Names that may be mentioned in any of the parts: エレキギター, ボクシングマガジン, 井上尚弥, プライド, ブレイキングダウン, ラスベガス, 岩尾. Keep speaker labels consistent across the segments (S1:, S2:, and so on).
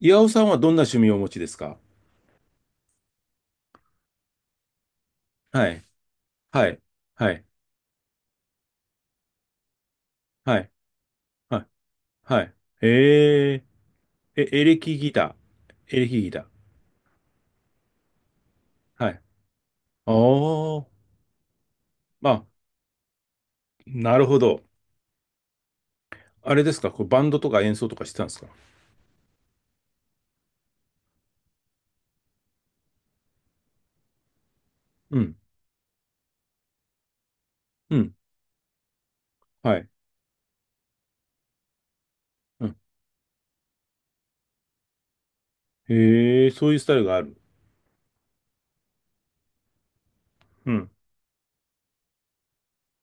S1: 岩尾さんはどんな趣味をお持ちですか？はい。はい。はい。はい。はい。はい。えエレキギター。エレキギター。はい。あー。まあ、なるほど。あれですかこうバンドとか演奏とかしてたんですか？うん。うん。はい。うん。へえ、そういうスタイルがある。うん。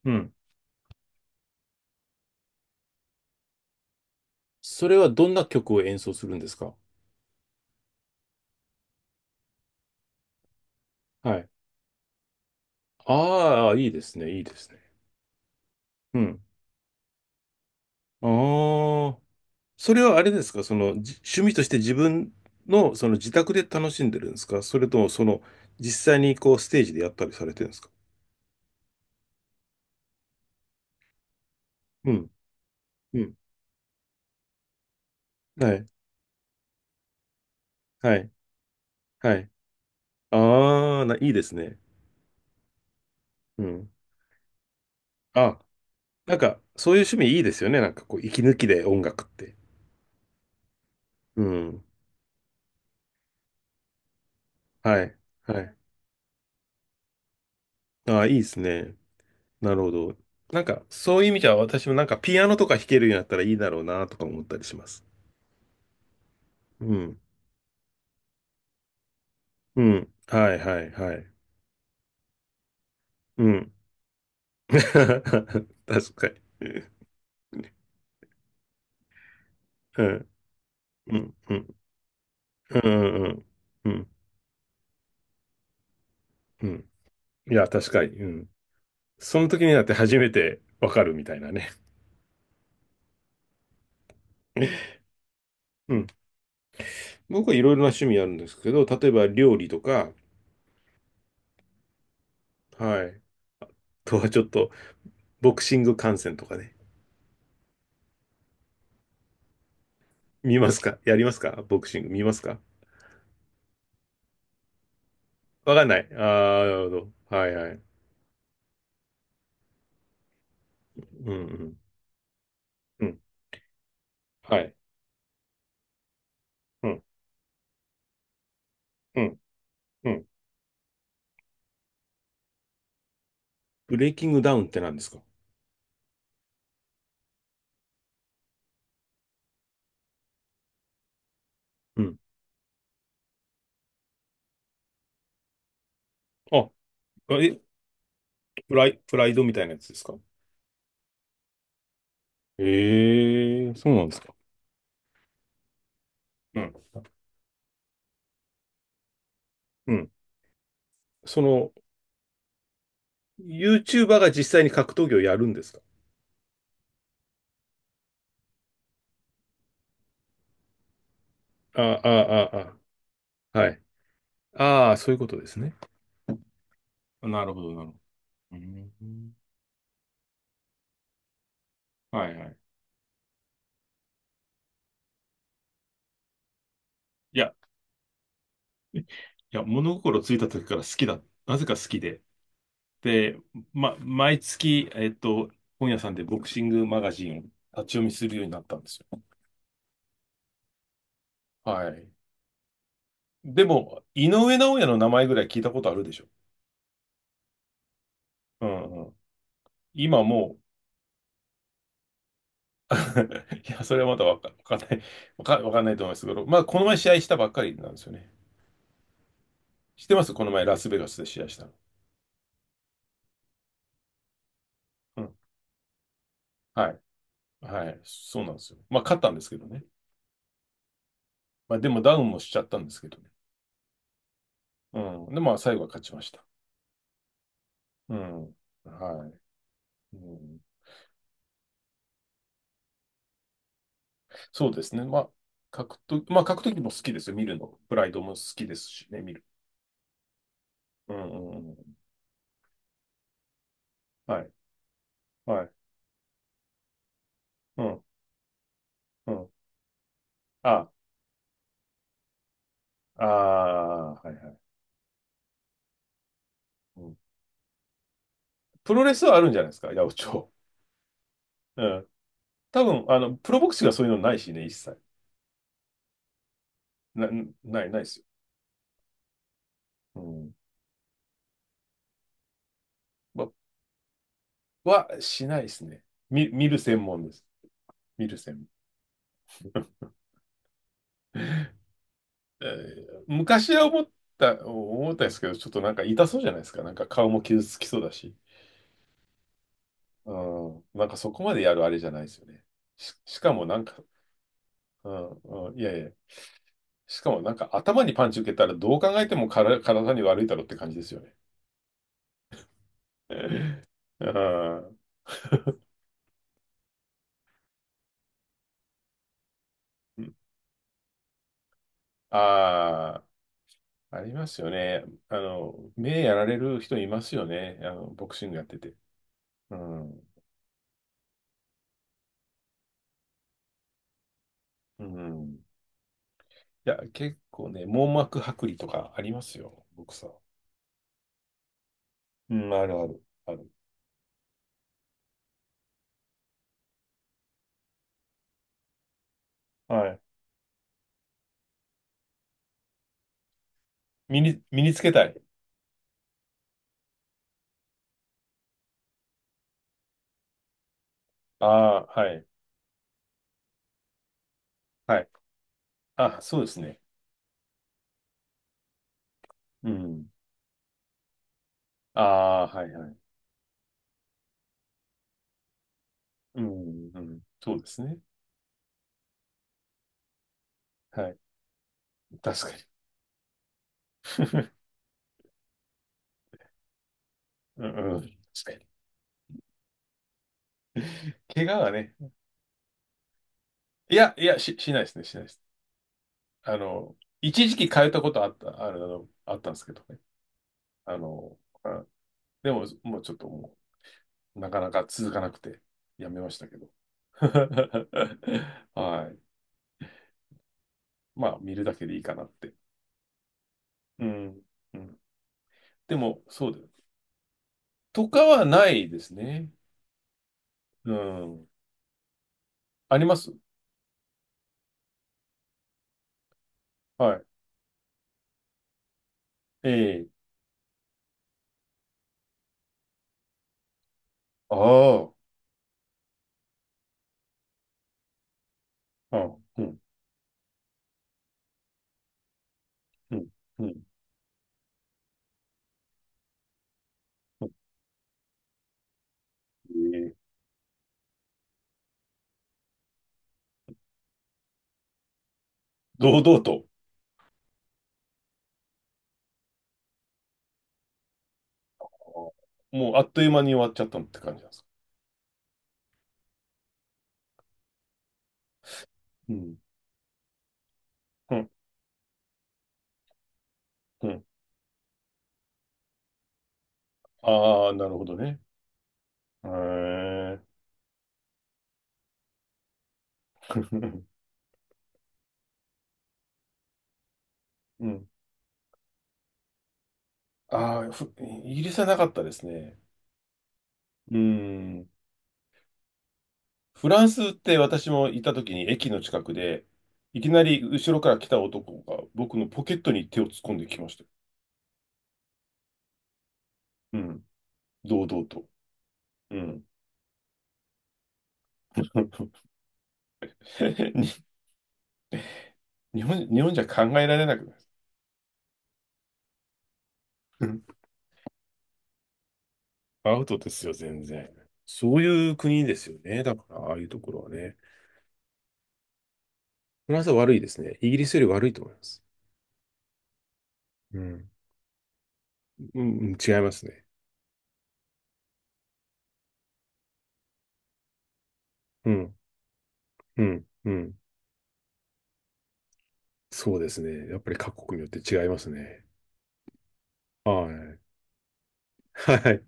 S1: うん。それはどんな曲を演奏するんですか？はい。ああ、いいですね。いいですね。うん。ああ。それはあれですか、そのじ趣味として自分のその自宅で楽しんでるんですか、それともその実際にこうステージでやったりされてるんですか。うん、うん、はい、はい、はい。ああ、いいですね。うん。あ、なんかそういう趣味いいですよね、なんかこう息抜きで音楽って。うん、はい、はい。ああ、いいですね。なるほど。なんかそういう意味じゃ私もなんかピアノとか弾けるようになったらいいだろうなとか思ったりします。うん、うん、はい、はい、はい。うん。 確かに。うん、うん、うん、うん、うん、うん、うん。いや、確かに。うん。その時になって初めてわかるみたいなね。うん。僕はいろいろな趣味あるんですけど、例えば料理とか、はい。あとはちょっと、ボクシング観戦とかね。見ますか？やりますか？ボクシング見ますか？わかんない。ああ、なるほど。はいはい。うんうん。うん。はい。うん。うん。うん。ブレイキングダウンって何ですか？うん。あ、え、プライドみたいなやつですか？ええ、そうなんですか。うん。うん。その、YouTuber が実際に格闘技をやるんですか？ああ、ああ、あはい。ああ、そういうことですね。なるほど、なるほど。うん。はいはい。いや、いや、物心ついた時から好きだ。なぜか好きで。で、毎月、本屋さんでボクシングマガジンを立ち読みするようになったんですよ。はい。でも、井上尚弥の名前ぐらい聞いたことあるでしょ。うん。今もう。 いや、それはまだわかんない。わかんないと思いますけど、まあ、この前試合したばっかりなんですよね。知ってますこの前ラスベガスで試合したの？うん。はい。はい。そうなんですよ。まあ、勝ったんですけどね。まあ、でもダウンもしちゃったんですけどね。うん。で、まあ、最後は勝ちました。うん。はい。うん、そうですね。まあ、格闘技も好きですよ。見るの。プライドも好きですしね、見る。うんうんうん。はい。はい。うん。うん。あ、ああ、はいはい。うん。プロレスはあるんじゃないですか、八百長。うん。多分、プロボクシングはそういうのないしね、一切。な、ないですよ。うん。ま、しないですね。見る専門です。見る専門。昔は思ったんですけど、ちょっとなんか痛そうじゃないですか。なんか顔も傷つきそうだし。うん。なんかそこまでやるあれじゃないですよね。しかもなんか、うん、うん、いやいや。しかもなんか頭にパンチ受けたらどう考えてもから体に悪いだろうって感じですよね。うん。うああ、ありますよね。目やられる人いますよね。ボクシングやってて。うん。うん。いや、結構ね、網膜剥離とかありますよ、ボクサー。うん、あるある、ある。はい。身につけたい。ああ、はい。はい。あ、そうですね。うん。ああ、はいはい。うん、うん。そうですね。はい。確かに。うん、うん。確かに。怪我はね。いや、いや、しないですね、しないです。一時期通ったことあった、あれだの、あったんですけどね。あの、あでも、もうちょっとなかなか続かなくて、やめましたけど。はい。まあ、見るだけでいいかなって。うん。うん。でも、そうだよ。とかはないですね。うん。あります。はい。ええ。ああ。あ、うん。うん。うん。うん。ええ。堂々と。あ、もう、あっという間に終わっちゃったって感じなんですか。うん。うん。うん。ああ、なるほどね。へえ。うん。ああ、イギリスはなかったですね。うん。フランスって私もいた時に駅の近くで、いきなり後ろから来た男が僕のポケットに手を突っ込んできましたよ。うん。堂々と。うん。に日本じゃ考えられなくないですか。うん。アウトですよ、全然。そういう国ですよね。だから、ああいうところはね。フランスは悪いですね。イギリスより悪いと思います。うん。うん、うん。違いますね。うん。うん、うん。そうですね。やっぱり各国によって違いますね。はい。はい。